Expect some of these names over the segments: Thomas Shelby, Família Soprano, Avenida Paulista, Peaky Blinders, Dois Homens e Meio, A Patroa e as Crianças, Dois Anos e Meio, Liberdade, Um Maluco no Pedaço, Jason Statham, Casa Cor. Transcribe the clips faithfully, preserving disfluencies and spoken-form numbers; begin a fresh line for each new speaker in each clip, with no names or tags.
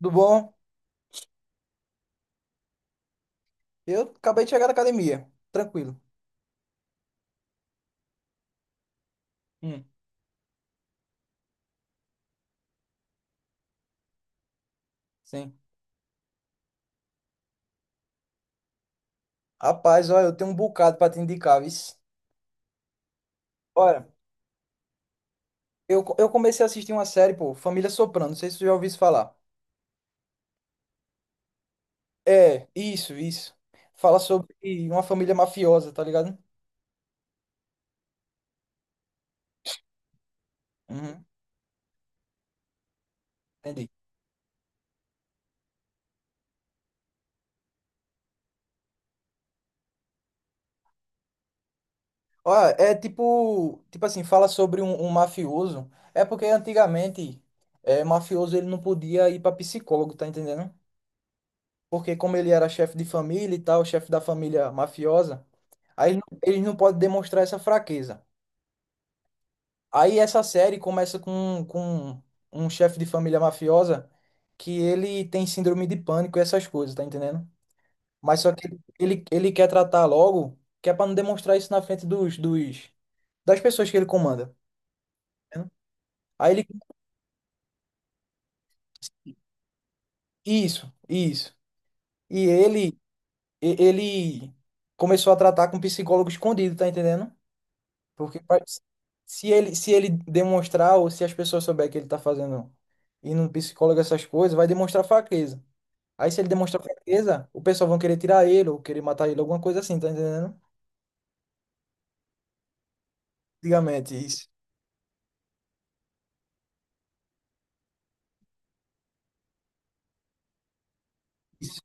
Tudo bom? Eu acabei de chegar da academia. Tranquilo. Hum, sim. Rapaz, olha, eu tenho um bocado pra te indicar, vice. Olha, eu, co- eu comecei a assistir uma série, pô, Família Soprano. Não sei se tu já ouviu isso falar. É, isso, isso. Fala sobre uma família mafiosa, tá ligado? Uhum, entendi. Olha, é tipo, tipo assim, fala sobre um, um mafioso. É porque antigamente, é, mafioso ele não podia ir pra psicólogo, tá entendendo? Porque como ele era chefe de família e tal, chefe da família mafiosa. Aí eles não eles não podem demonstrar essa fraqueza. Aí essa série começa com, com um chefe de família mafiosa que ele tem síndrome de pânico e essas coisas, tá entendendo? Mas só que ele, ele quer tratar logo, que é pra não demonstrar isso na frente dos, dos das pessoas que ele comanda. Tá entendendo? Aí ele. Isso, isso. E ele, e- ele começou a tratar com psicólogo escondido, tá entendendo? Porque pode- se ele, se ele demonstrar ou se as pessoas souberem que ele tá fazendo indo num psicólogo essas coisas, vai demonstrar fraqueza. Aí se ele demonstrar fraqueza, o pessoal vão querer tirar ele ou querer matar ele, alguma coisa assim, tá entendendo? Antigamente, isso. Isso,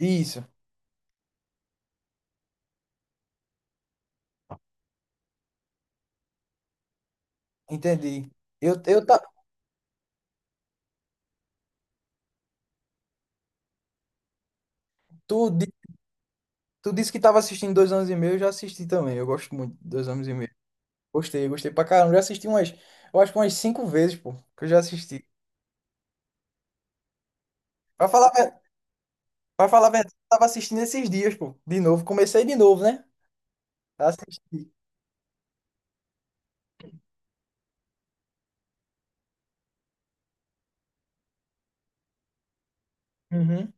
Isso, entendi. Eu, eu tá, tu, di- tu disse que tava assistindo Dois Anos e Meio, eu já assisti também. Eu gosto muito de Dois Anos e Meio. Gostei, gostei pra caramba. Já assisti umas, eu acho que umas cinco vezes, pô, que eu já assisti. Pra falar, a ver- pra falar a verdade, eu tava assistindo esses dias, pô, de novo. Comecei de novo, né? Assisti. Uhum.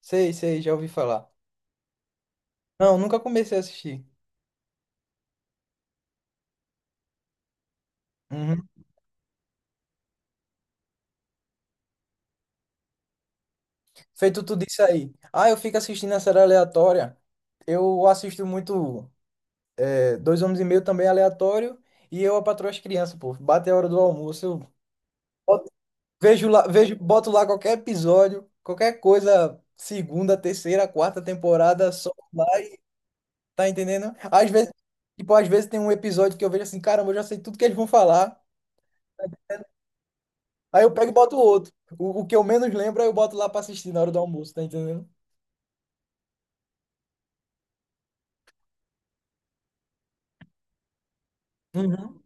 Sei, sei, já ouvi falar. Não, nunca comecei a assistir. Uhum. Feito tudo isso aí. Ah, eu fico assistindo a série aleatória. Eu assisto muito é, Dois Homens e Meio também é aleatório. E eu, a Patroa e as Crianças, pô. Bate a hora do almoço. Eu boto- vejo lá, vejo, boto lá qualquer episódio, qualquer coisa, segunda, terceira, quarta temporada, só lá, tá entendendo? Às vezes, tipo, às vezes tem um episódio que eu vejo assim, caramba, eu já sei tudo que eles vão falar. Aí eu pego e boto outro. O, o que eu menos lembro, aí eu boto lá pra assistir na hora do almoço, tá entendendo? Uhum.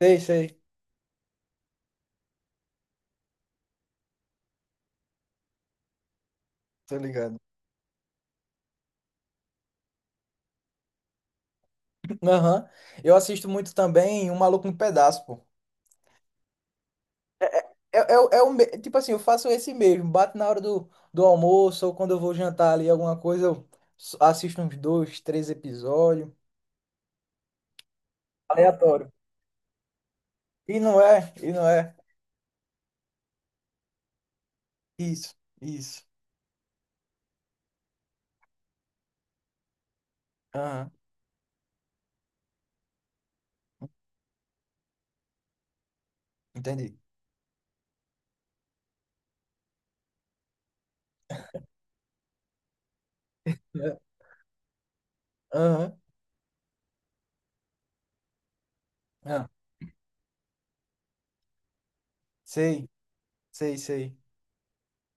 Sei, sei. Tô ligado. Aham. Eu assisto muito também Um Maluco no Pedaço, pô. É, é, o- é o me- tipo assim, eu faço esse mesmo. Bato na hora do, do almoço ou quando eu vou jantar ali alguma coisa, eu s- assisto uns dois, três episódios. Aleatório. E não é, e não é. Isso, isso. Aham, entendi. É. Aham, ah, sei, sei, sei.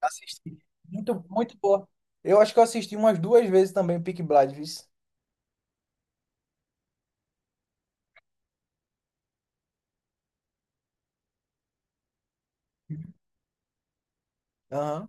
Assisti. Muito, muito boa. Eu acho que eu assisti umas duas vezes também Peaky Blinders. Aham.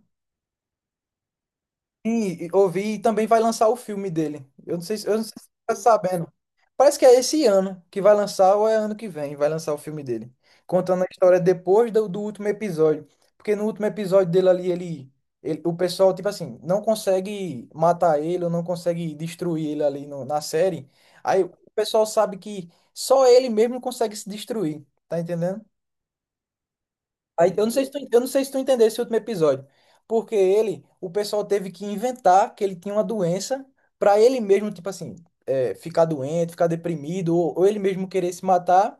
E, e ouvi e também vai lançar o filme dele. Eu não sei se, eu não sei se você tá sabendo. Parece que é esse ano que vai lançar ou é ano que vem, vai lançar o filme dele. Contando a história depois do, do último episódio. Porque no último episódio dele ali, ele, ele- o pessoal, tipo assim, não consegue matar ele ou não consegue destruir ele ali no- na série. Aí o pessoal sabe que só ele mesmo consegue se destruir. Tá entendendo? Aí, eu não sei se tu, eu não sei se tu entendeu esse último episódio. Porque ele, o pessoal teve que inventar que ele tinha uma doença pra ele mesmo, tipo assim, é, ficar doente, ficar deprimido, ou, ou ele mesmo querer se matar,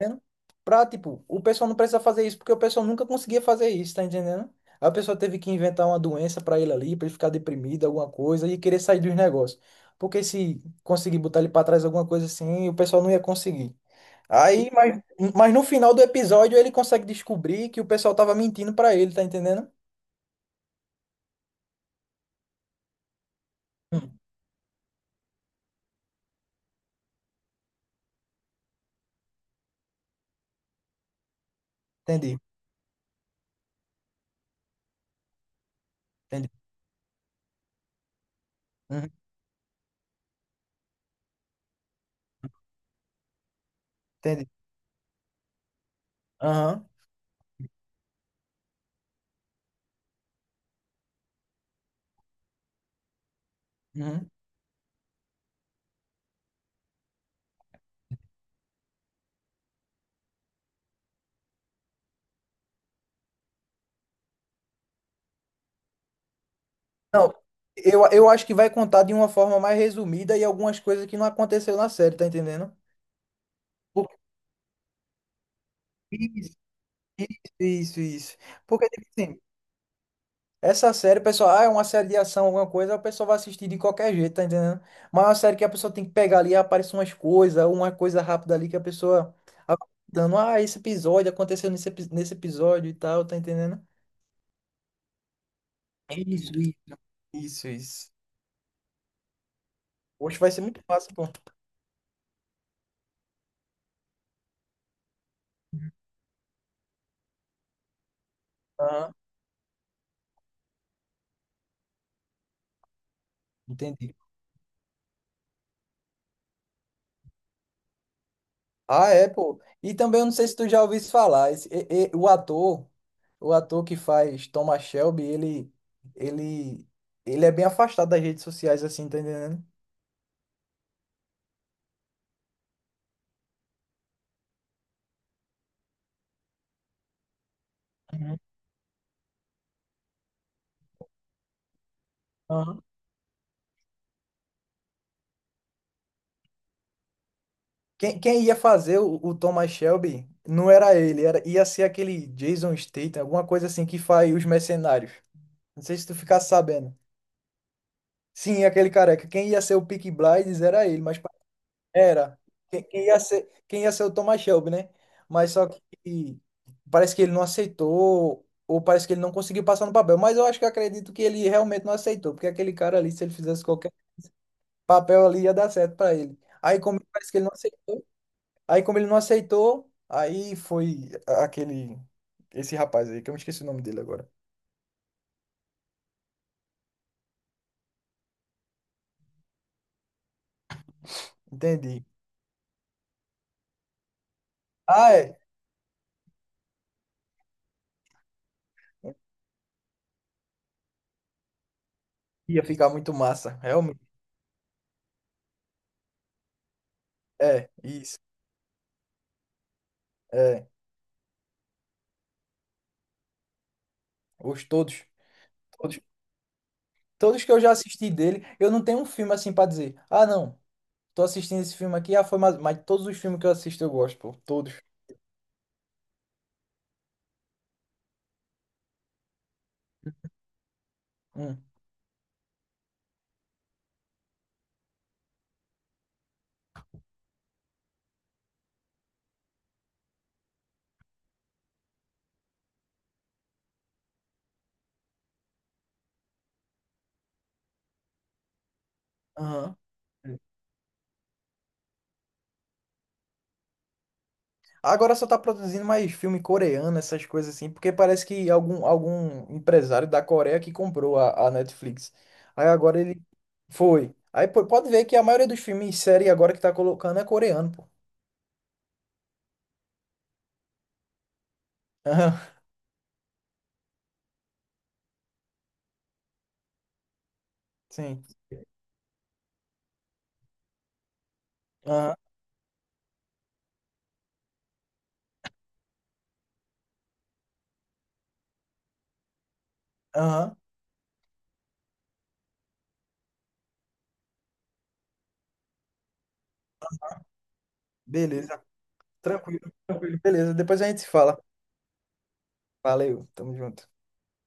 né? Pra, tipo, o pessoal não precisa fazer isso, porque o pessoal nunca conseguia fazer isso, tá entendendo? Aí o pessoal teve que inventar uma doença pra ele ali, pra ele ficar deprimido, alguma coisa, e querer sair dos negócios. Porque se conseguir botar ele pra trás alguma coisa assim, o pessoal não ia conseguir. Aí, mas, mas no final do episódio ele consegue descobrir que o pessoal tava mentindo pra ele, tá entendendo? Hum, entendi, entendi. Uhum, entendi. Aham. Uhum. Não, eu, eu acho que vai contar de uma forma mais resumida e algumas coisas que não aconteceu na série, tá entendendo? Por- isso, isso, isso. Isso. Porque, tipo assim, essa série, o pessoal, ah, é uma série de ação, alguma coisa, o pessoal vai assistir de qualquer jeito, tá entendendo? Mas é uma série que a pessoa tem que pegar ali, aparece umas coisas, uma coisa rápida ali que a pessoa vai dando, ah, esse episódio aconteceu nesse, epi- nesse episódio e tal, tá entendendo? Isso, isso. Isso, isso. Hoje vai ser muito fácil, pô. Aham, entendi. Ah, é, pô. E também eu não sei se tu já ouviu isso falar. Esse, e- e- o ator, o ator que faz Thomas Shelby, ele, ele, ele é bem afastado das redes sociais, assim, tá entendendo? Aham. Quem, quem ia fazer o, o Thomas Shelby não era ele, era, ia ser aquele Jason Statham, alguma coisa assim que faz os mercenários. Não sei se tu ficasse sabendo. Sim, aquele careca. Quem ia ser o Peaky Blinders era ele, mas pa- era. Quem, quem ia ser, quem ia ser o Thomas Shelby, né? Mas só que parece que ele não aceitou, ou parece que ele não conseguiu passar no papel. Mas eu acho que eu acredito que ele realmente não aceitou, porque aquele cara ali, se ele fizesse qualquer papel ali, ia dar certo pra ele. Aí, como parece que ele não aceitou. Aí, como ele não aceitou, aí foi a- aquele. Esse rapaz aí, que eu me esqueci o nome dele agora. Entendi. Ah, é. Ia ficar muito massa, realmente. É, isso. É. Os todos. Todos, todos que eu já assisti dele, eu não tenho um filme assim pra dizer. Ah, não. Tô assistindo esse filme aqui, ah, foi mais. Mas todos os filmes que eu assisto eu gosto, pô. Todos. Hum. Aham. Agora só tá produzindo mais filme coreano, essas coisas assim, porque parece que algum, algum empresário da Coreia que comprou a, a Netflix. Aí agora ele foi. Aí pô, pode ver que a maioria dos filmes e série agora que tá colocando é coreano, pô. Aham, sim. Aham, aham. Beleza. Tranquilo, tranquilo. Beleza, depois a gente se fala. Valeu, tamo junto.